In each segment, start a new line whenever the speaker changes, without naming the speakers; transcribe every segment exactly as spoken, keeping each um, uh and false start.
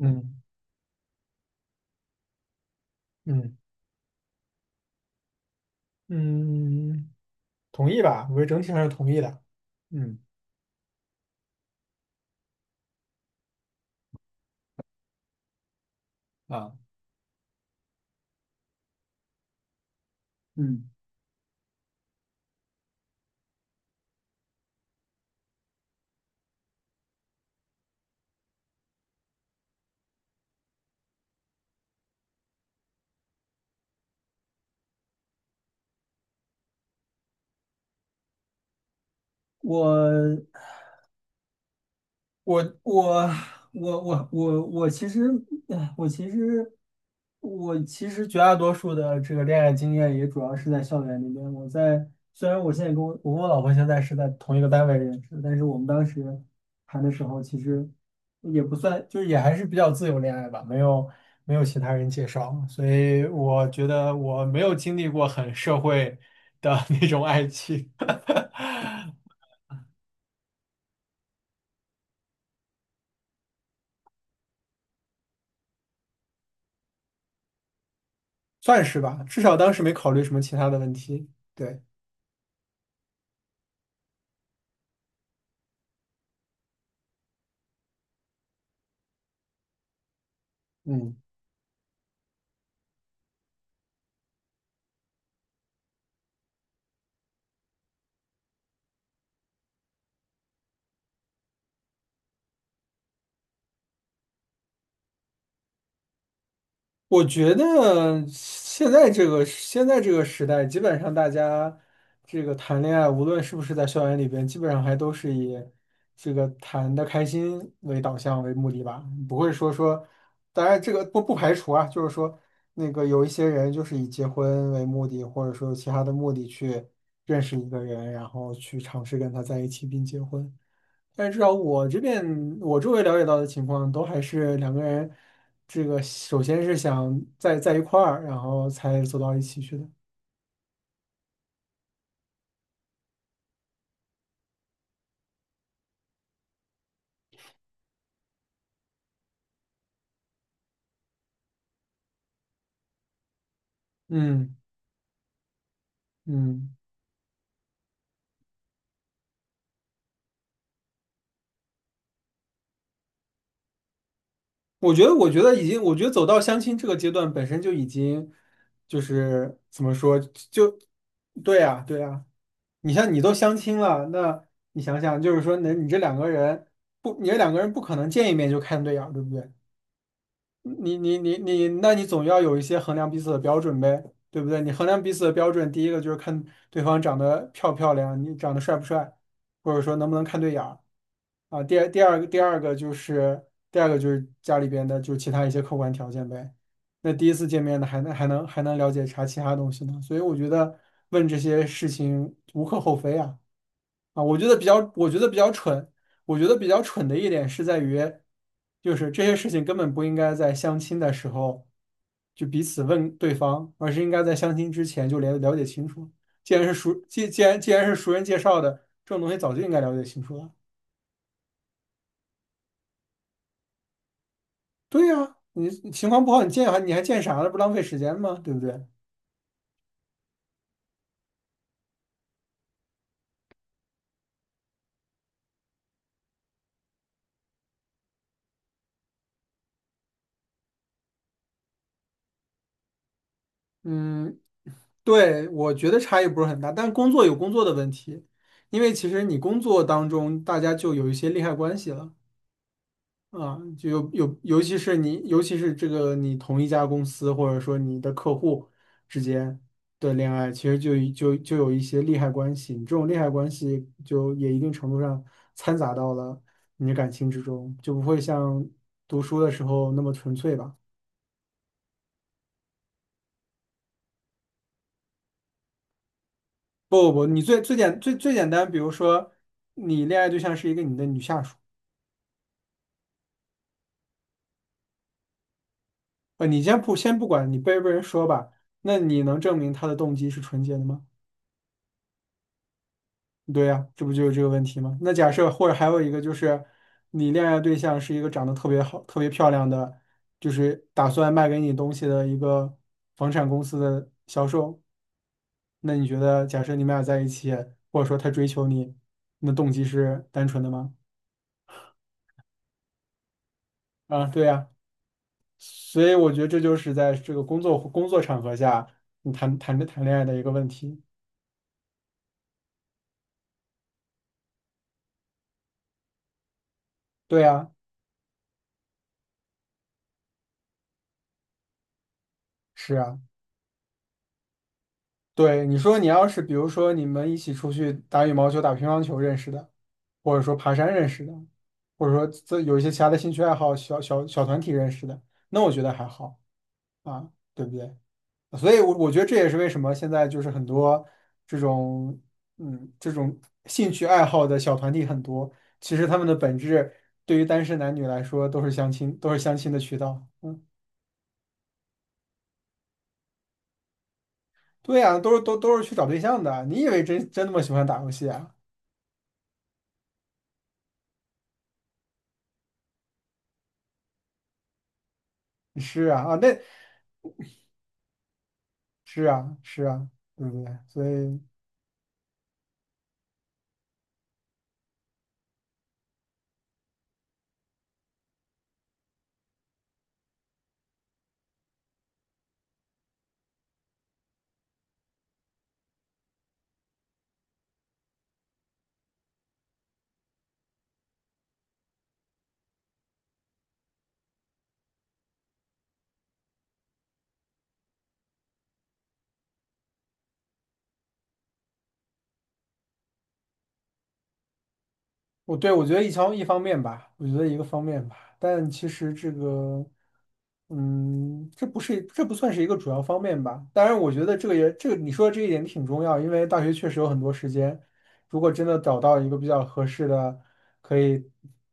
嗯嗯嗯，嗯同意吧？我觉得整体上是同意的。嗯。啊，嗯，我我我我我我我其实，哎我其实，我其实绝大多数的这个恋爱经验也主要是在校园里边。我在虽然我现在跟我我跟我老婆现在是在同一个单位认识，但是我们当时谈的时候，其实也不算，就是也还是比较自由恋爱吧，没有没有其他人介绍，所以我觉得我没有经历过很社会的 那种爱情。算是吧，至少当时没考虑什么其他的问题。对。嗯，我觉得现在这个现在这个时代，基本上大家这个谈恋爱，无论是不是在校园里边，基本上还都是以这个谈的开心为导向为目的吧，不会说说，当然这个不不排除啊，就是说那个有一些人就是以结婚为目的，或者说有其他的目的去认识一个人，然后去尝试跟他在一起并结婚。但是至少我这边我周围了解到的情况，都还是两个人，这个首先是想在在一块儿，然后才走到一起去的。嗯。嗯，我觉得我觉得已经，我觉得走到相亲这个阶段本身就已经就是怎么说，就对呀对呀。你像你都相亲了，那你想想，就是说，那你这两个人不，你这两个人不可能见一面就看对眼儿，对不对？你你你你，那你总要有一些衡量彼此的标准呗，对不对？你衡量彼此的标准，第一个就是看对方长得漂不漂亮，你长得帅不帅，或者说能不能看对眼儿啊。第二第二个第二个就是第二个就是家里边的就是其他一些客观条件呗。那第一次见面呢，还能还能还能了解啥其他东西呢？所以我觉得问这些事情无可厚非啊。啊，我觉得比较，我觉得比较蠢，我觉得比较蠢的一点是在于，就是这些事情根本不应该在相亲的时候就彼此问对方，而是应该在相亲之前就了了解清楚。既然是熟，既既然既然是熟人介绍的，这种东西早就应该了解清楚了。对呀，你你情况不好，你见还你还见啥了？不浪费时间吗？对不对？嗯。对，我觉得差异不是很大，但工作有工作的问题，因为其实你工作当中大家就有一些利害关系了。啊，就有有，尤其是你，尤其是这个你同一家公司或者说你的客户之间的恋爱，其实就就就有一些利害关系，你这种利害关系就也一定程度上掺杂到了你的感情之中，就不会像读书的时候那么纯粹吧？不不不，你最最简最最简单，比如说你恋爱对象是一个你的女下属，呃，你先不先不管你被不被人说吧，那你能证明他的动机是纯洁的吗？对呀，这不就是这个问题吗？那假设或者还有一个就是，你恋爱对象是一个长得特别好、特别漂亮的，就是打算卖给你东西的一个房产公司的销售，那你觉得，假设你们俩在一起，或者说他追求你，那动机是单纯的吗？啊，对呀，所以我觉得这就是在这个工作工作场合下，你谈谈着谈恋爱的一个问题。对呀。是啊。对，你说你要是比如说你们一起出去打羽毛球、打乒乓球认识的，或者说爬山认识的，或者说这有一些其他的兴趣爱好、小小小团体认识的，那我觉得还好啊，对不对？所以我，我觉得这也是为什么现在就是很多这种嗯这种兴趣爱好的小团体很多，其实他们的本质对于单身男女来说都是相亲，都是相亲的渠道。嗯。对呀，都是都都是去找对象的啊。你以为真真那么喜欢打游戏啊？是啊啊，那。是啊，是啊，对不对？所以，我对我觉得一方一方面吧，我觉得一个方面吧，但其实这个，嗯，这不是这不算是一个主要方面吧。当然，我觉得这个也这个你说的这一点挺重要，因为大学确实有很多时间，如果真的找到一个比较合适的，可以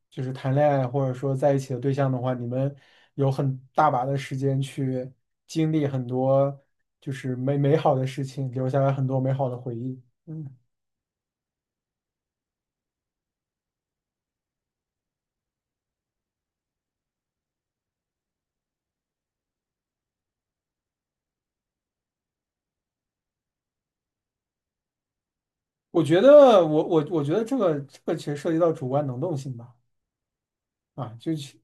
就是谈恋爱或者说在一起的对象的话，你们有很大把的时间去经历很多就是美美好的事情，留下来很多美好的回忆。嗯。我觉得我我我觉得这个这个其实涉及到主观能动性吧，啊，就是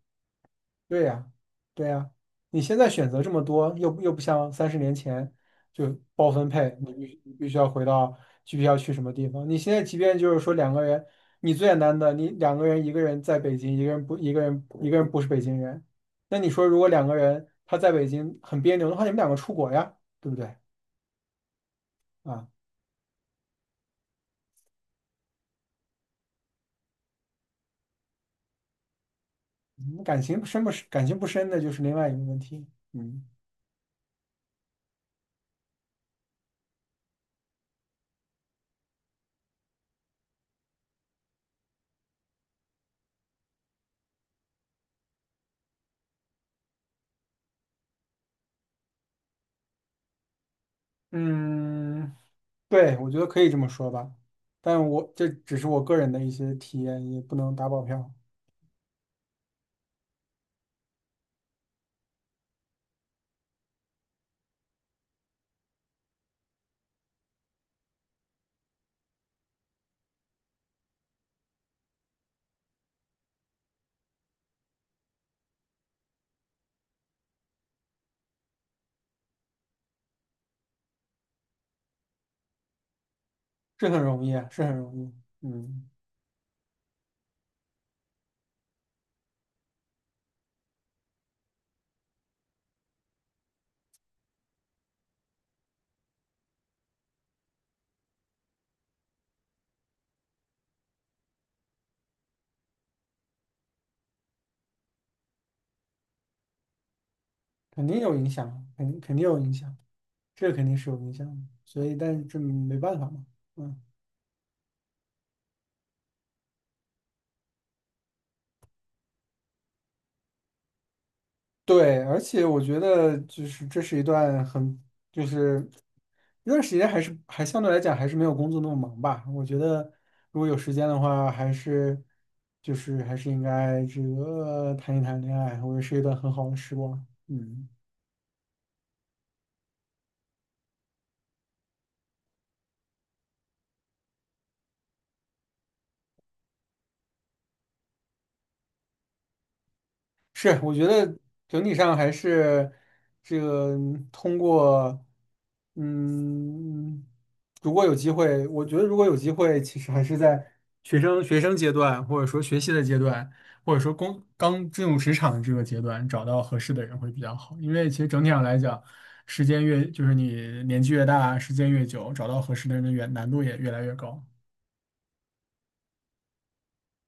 对呀，对呀，你现在选择这么多，又不又不像三十年前就包分配，你必你必须要回到具体要去什么地方。你现在即便就是说两个人，你最简单的，你两个人一个人在北京，一个人不一个人一个人不是北京人，那你说如果两个人他在北京很别扭的话，你们两个出国呀，对不对啊？你感情深不深，感情不深的就是另外一个问题，嗯。嗯，对，我觉得可以这么说吧，但我这只是我个人的一些体验，也不能打保票。是很容易啊，是很容易。嗯，肯定有影响，肯肯定有影响，这个肯定是有影响的，所以但是这没办法嘛，嗯。对，而且我觉得就是这是一段很，就是一段时间还是还相对来讲还是没有工作那么忙吧。我觉得如果有时间的话，还是就是还是应该这个谈一谈恋爱，我觉得是一段很好的时光。嗯。是，我觉得整体上还是这个通过，嗯，如果有机会，我觉得如果有机会，其实还是在学生学生阶段，或者说学习的阶段，或者说工刚进入职场的这个阶段，找到合适的人会比较好。因为其实整体上来讲，时间越就是你年纪越大，时间越久，找到合适的人的越难度也越来越高。